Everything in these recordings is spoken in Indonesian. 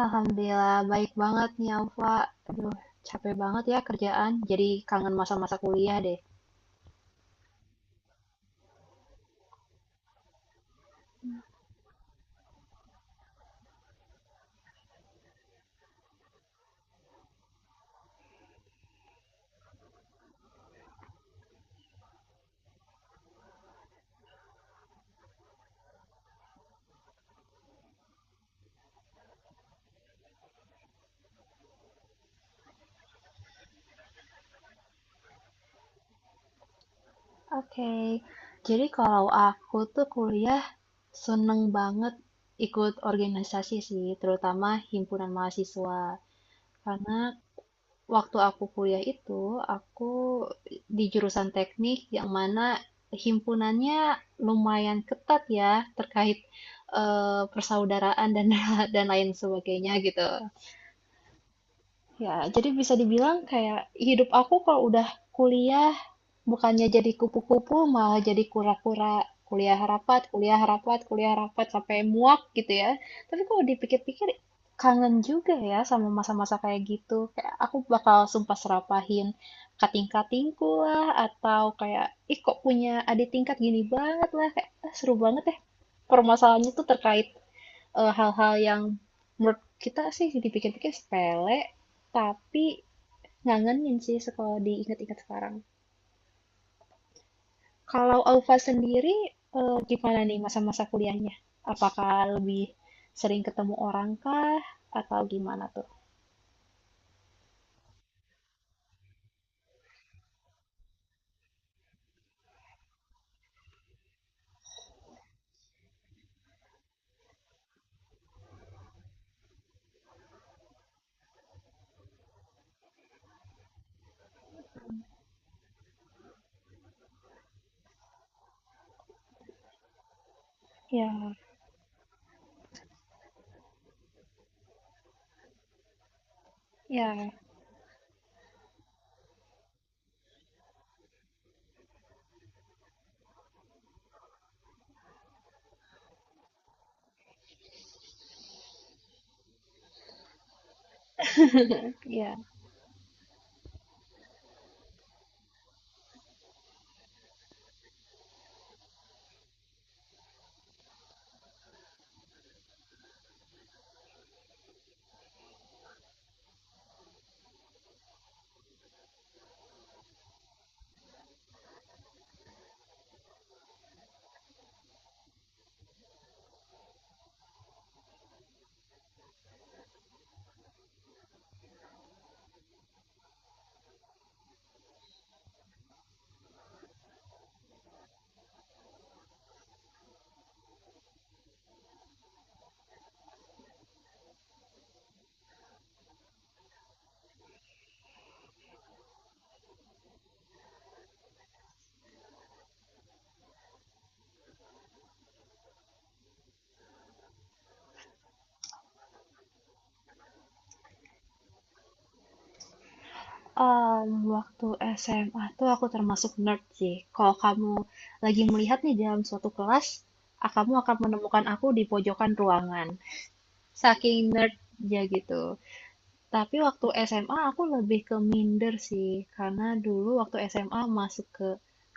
Alhamdulillah baik banget nih Alfa. Aduh, capek banget ya kerjaan. Jadi kangen masa-masa kuliah deh. Oke. Jadi kalau aku tuh kuliah seneng banget ikut organisasi sih, terutama himpunan mahasiswa. Karena waktu aku kuliah itu, aku di jurusan teknik yang mana himpunannya lumayan ketat ya terkait persaudaraan dan dan lain sebagainya gitu. Ya, jadi bisa dibilang kayak hidup aku kalau udah kuliah bukannya jadi kupu-kupu malah jadi kura-kura. Kuliah rapat, kuliah rapat, kuliah rapat sampai muak gitu ya. Tapi kalau dipikir-pikir kangen juga ya sama masa-masa kayak gitu. Kayak aku bakal sumpah serapahin kating-katingku lah, atau kayak ih kok punya adik tingkat gini banget lah, kayak "Ah, seru banget ya." Permasalahannya tuh terkait hal-hal yang menurut kita sih dipikir-pikir sepele, tapi ngangenin sih kalau diingat-ingat sekarang. Kalau Alfa sendiri, gimana nih masa-masa kuliahnya? Apakah lebih sering ketemu orang kah atau gimana tuh? Ya, ya, ya. Waktu SMA tuh aku termasuk nerd sih. Kalau kamu lagi melihat nih dalam suatu kelas, ah, kamu akan menemukan aku di pojokan ruangan. Saking nerd-nya gitu. Tapi waktu SMA aku lebih ke minder sih, karena dulu waktu SMA masuk ke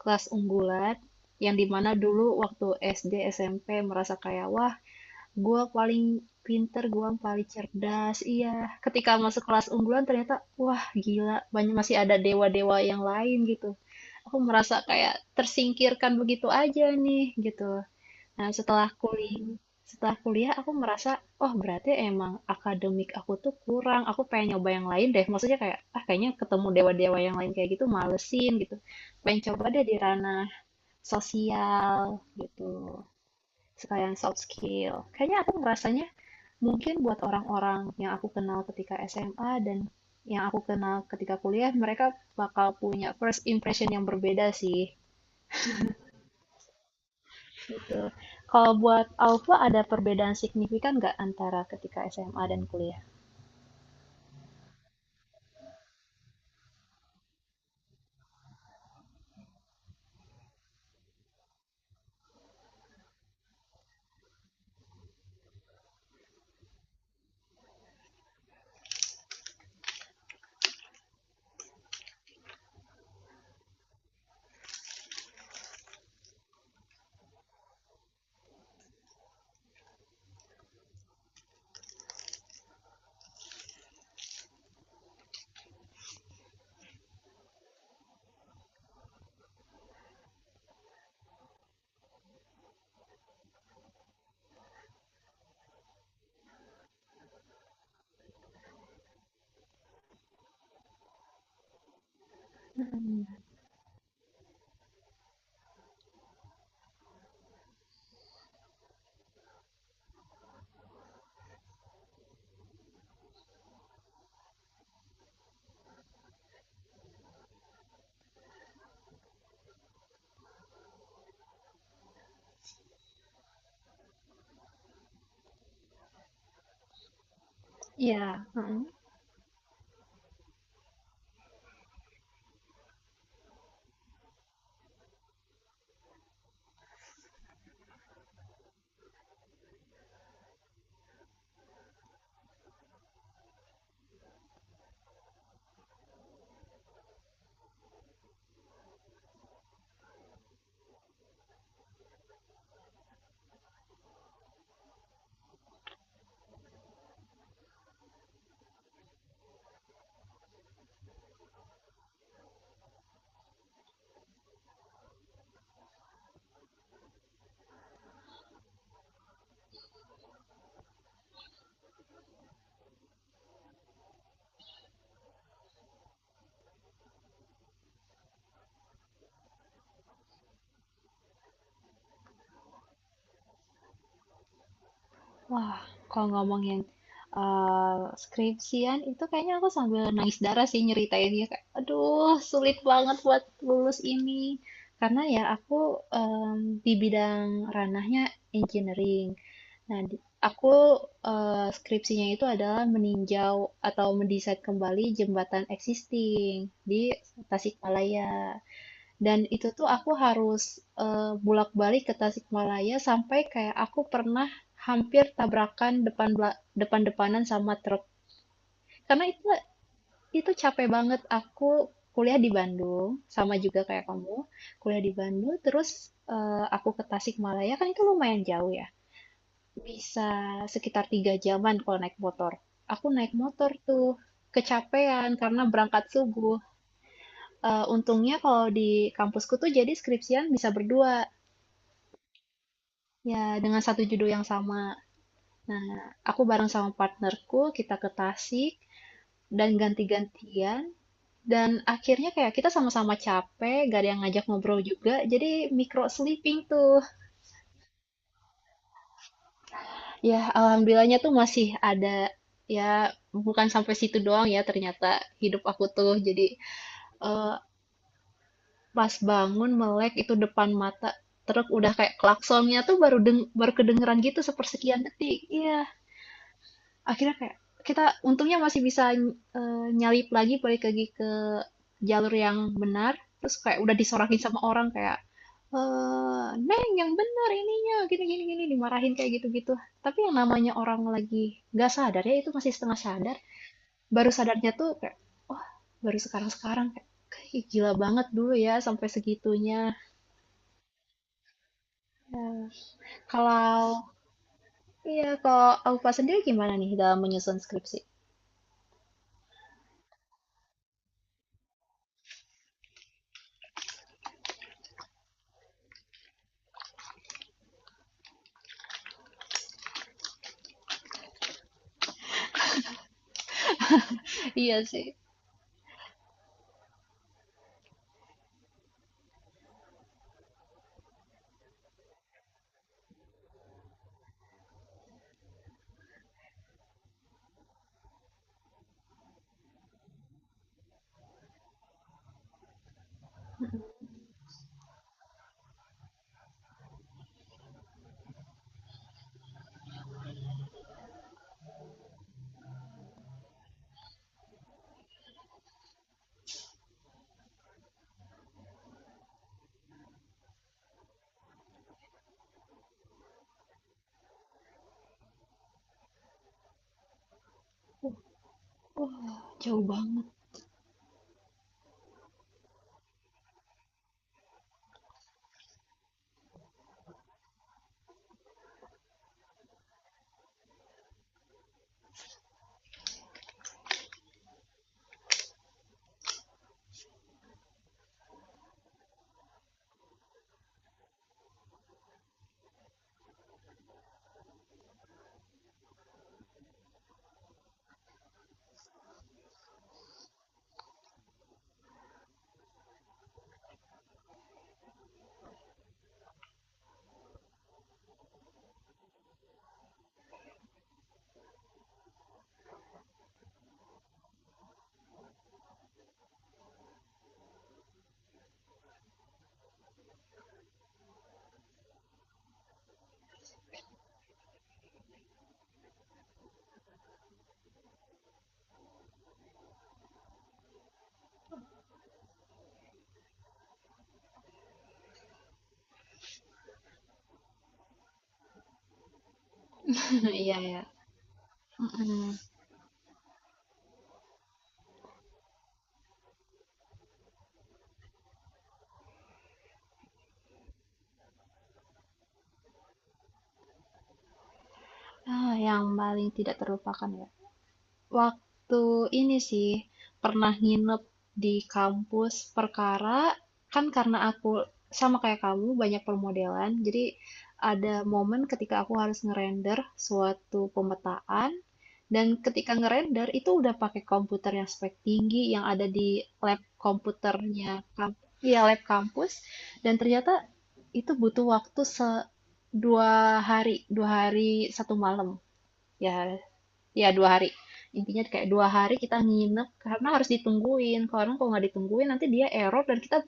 kelas unggulan, yang dimana dulu waktu SD, SMP merasa kayak, wah, gue paling pinter, gue paling cerdas, iya. Ketika masuk kelas unggulan ternyata, wah, gila, banyak masih ada dewa-dewa yang lain gitu. Aku merasa kayak tersingkirkan begitu aja nih, gitu. Nah, setelah kuliah aku merasa, oh berarti emang akademik aku tuh kurang. Aku pengen nyoba yang lain deh. Maksudnya kayak, ah kayaknya ketemu dewa-dewa yang lain kayak gitu malesin gitu. Pengen coba deh di ranah sosial gitu. Sekalian soft skill. Kayaknya aku ngerasanya mungkin buat orang-orang yang aku kenal ketika SMA dan yang aku kenal ketika kuliah, mereka bakal punya first impression yang berbeda sih. Betul. Kalau buat Alfa ada perbedaan signifikan nggak antara ketika SMA dan kuliah? Iya, heeh. Wah, kalau ngomongin skripsian itu kayaknya aku sambil nangis darah sih nyeritainnya, kayak, aduh, sulit banget buat lulus ini. Karena ya aku di bidang ranahnya engineering. Nah, aku skripsinya itu adalah meninjau atau mendesain kembali jembatan existing di Tasikmalaya. Dan itu tuh aku harus, bolak-balik ke Tasikmalaya sampai kayak aku pernah hampir tabrakan depan-depanan sama truk. Karena itu capek banget, aku kuliah di Bandung, sama juga kayak kamu, kuliah di Bandung terus, aku ke Tasikmalaya, kan itu lumayan jauh ya, bisa sekitar 3 jaman kalau naik motor. Aku naik motor tuh, kecapean karena berangkat subuh, untungnya kalau di kampusku tuh jadi skripsian bisa berdua. Ya, dengan satu judul yang sama. Nah, aku bareng sama partnerku, kita ke Tasik dan ganti-gantian. Dan akhirnya kayak kita sama-sama capek, gak ada yang ngajak ngobrol juga. Jadi micro sleeping tuh. Ya, alhamdulillahnya tuh masih ada. Ya, bukan sampai situ doang ya ternyata hidup aku tuh. Jadi eh, pas bangun melek itu depan mata. Truk udah kayak klaksonnya tuh baru deng baru kedengeran gitu sepersekian detik. Iya. Akhirnya kayak kita untungnya masih bisa nyalip lagi balik lagi ke jalur yang benar. Terus kayak udah disorakin sama orang kayak, Neng yang benar ininya gini gini gini," dimarahin kayak gitu-gitu. Tapi yang namanya orang lagi nggak sadar ya itu masih setengah sadar. Baru sadarnya tuh kayak, oh baru sekarang-sekarang kayak, "Ih, gila banget dulu ya sampai segitunya." Kalau iya, kalau Aufa sendiri gimana nih dalam menyusun skripsi? Iya sih. Wah, jauh banget. iya ya, mhm. Ah, yang paling tidak terlupakan ya. Waktu ini sih, pernah nginep di kampus perkara, kan karena aku sama kayak kamu banyak permodelan, jadi ada momen ketika aku harus ngerender suatu pemetaan, dan ketika ngerender itu udah pakai komputer yang spek tinggi yang ada di lab komputernya, ya lab kampus, dan ternyata itu butuh waktu 2 hari, 2 hari 1 malam, ya. Ya, 2 hari. Intinya kayak 2 hari kita nginep karena harus ditungguin. Karena kalau nggak ditungguin nanti dia error dan kita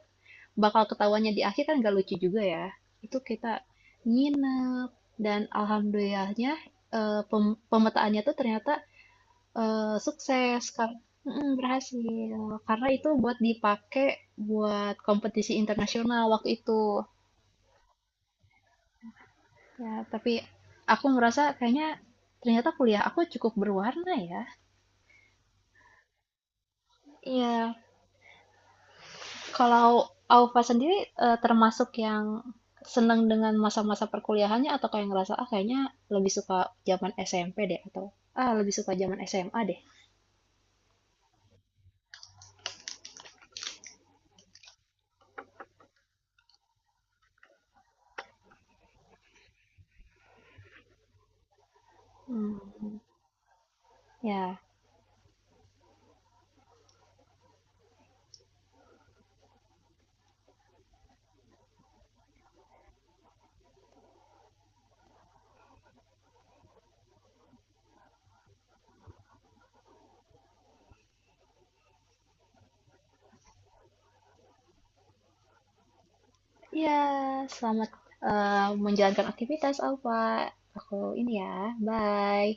bakal ketawanya di akhir kan nggak lucu juga ya. Itu kita nginep dan alhamdulillahnya pemetaannya tuh ternyata sukses karena berhasil. Karena itu buat dipakai buat kompetisi internasional waktu itu. Ya, tapi aku ngerasa kayaknya ternyata kuliah aku cukup berwarna ya. Iya. Kalau Aufa sendiri termasuk yang senang dengan masa-masa perkuliahannya atau kayak ngerasa ah kayaknya lebih suka zaman SMP deh atau ah lebih suka zaman SMA deh. Hmm, Ya, ya, selamat menjalankan aktivitas Aufa. Aku ini ya, bye.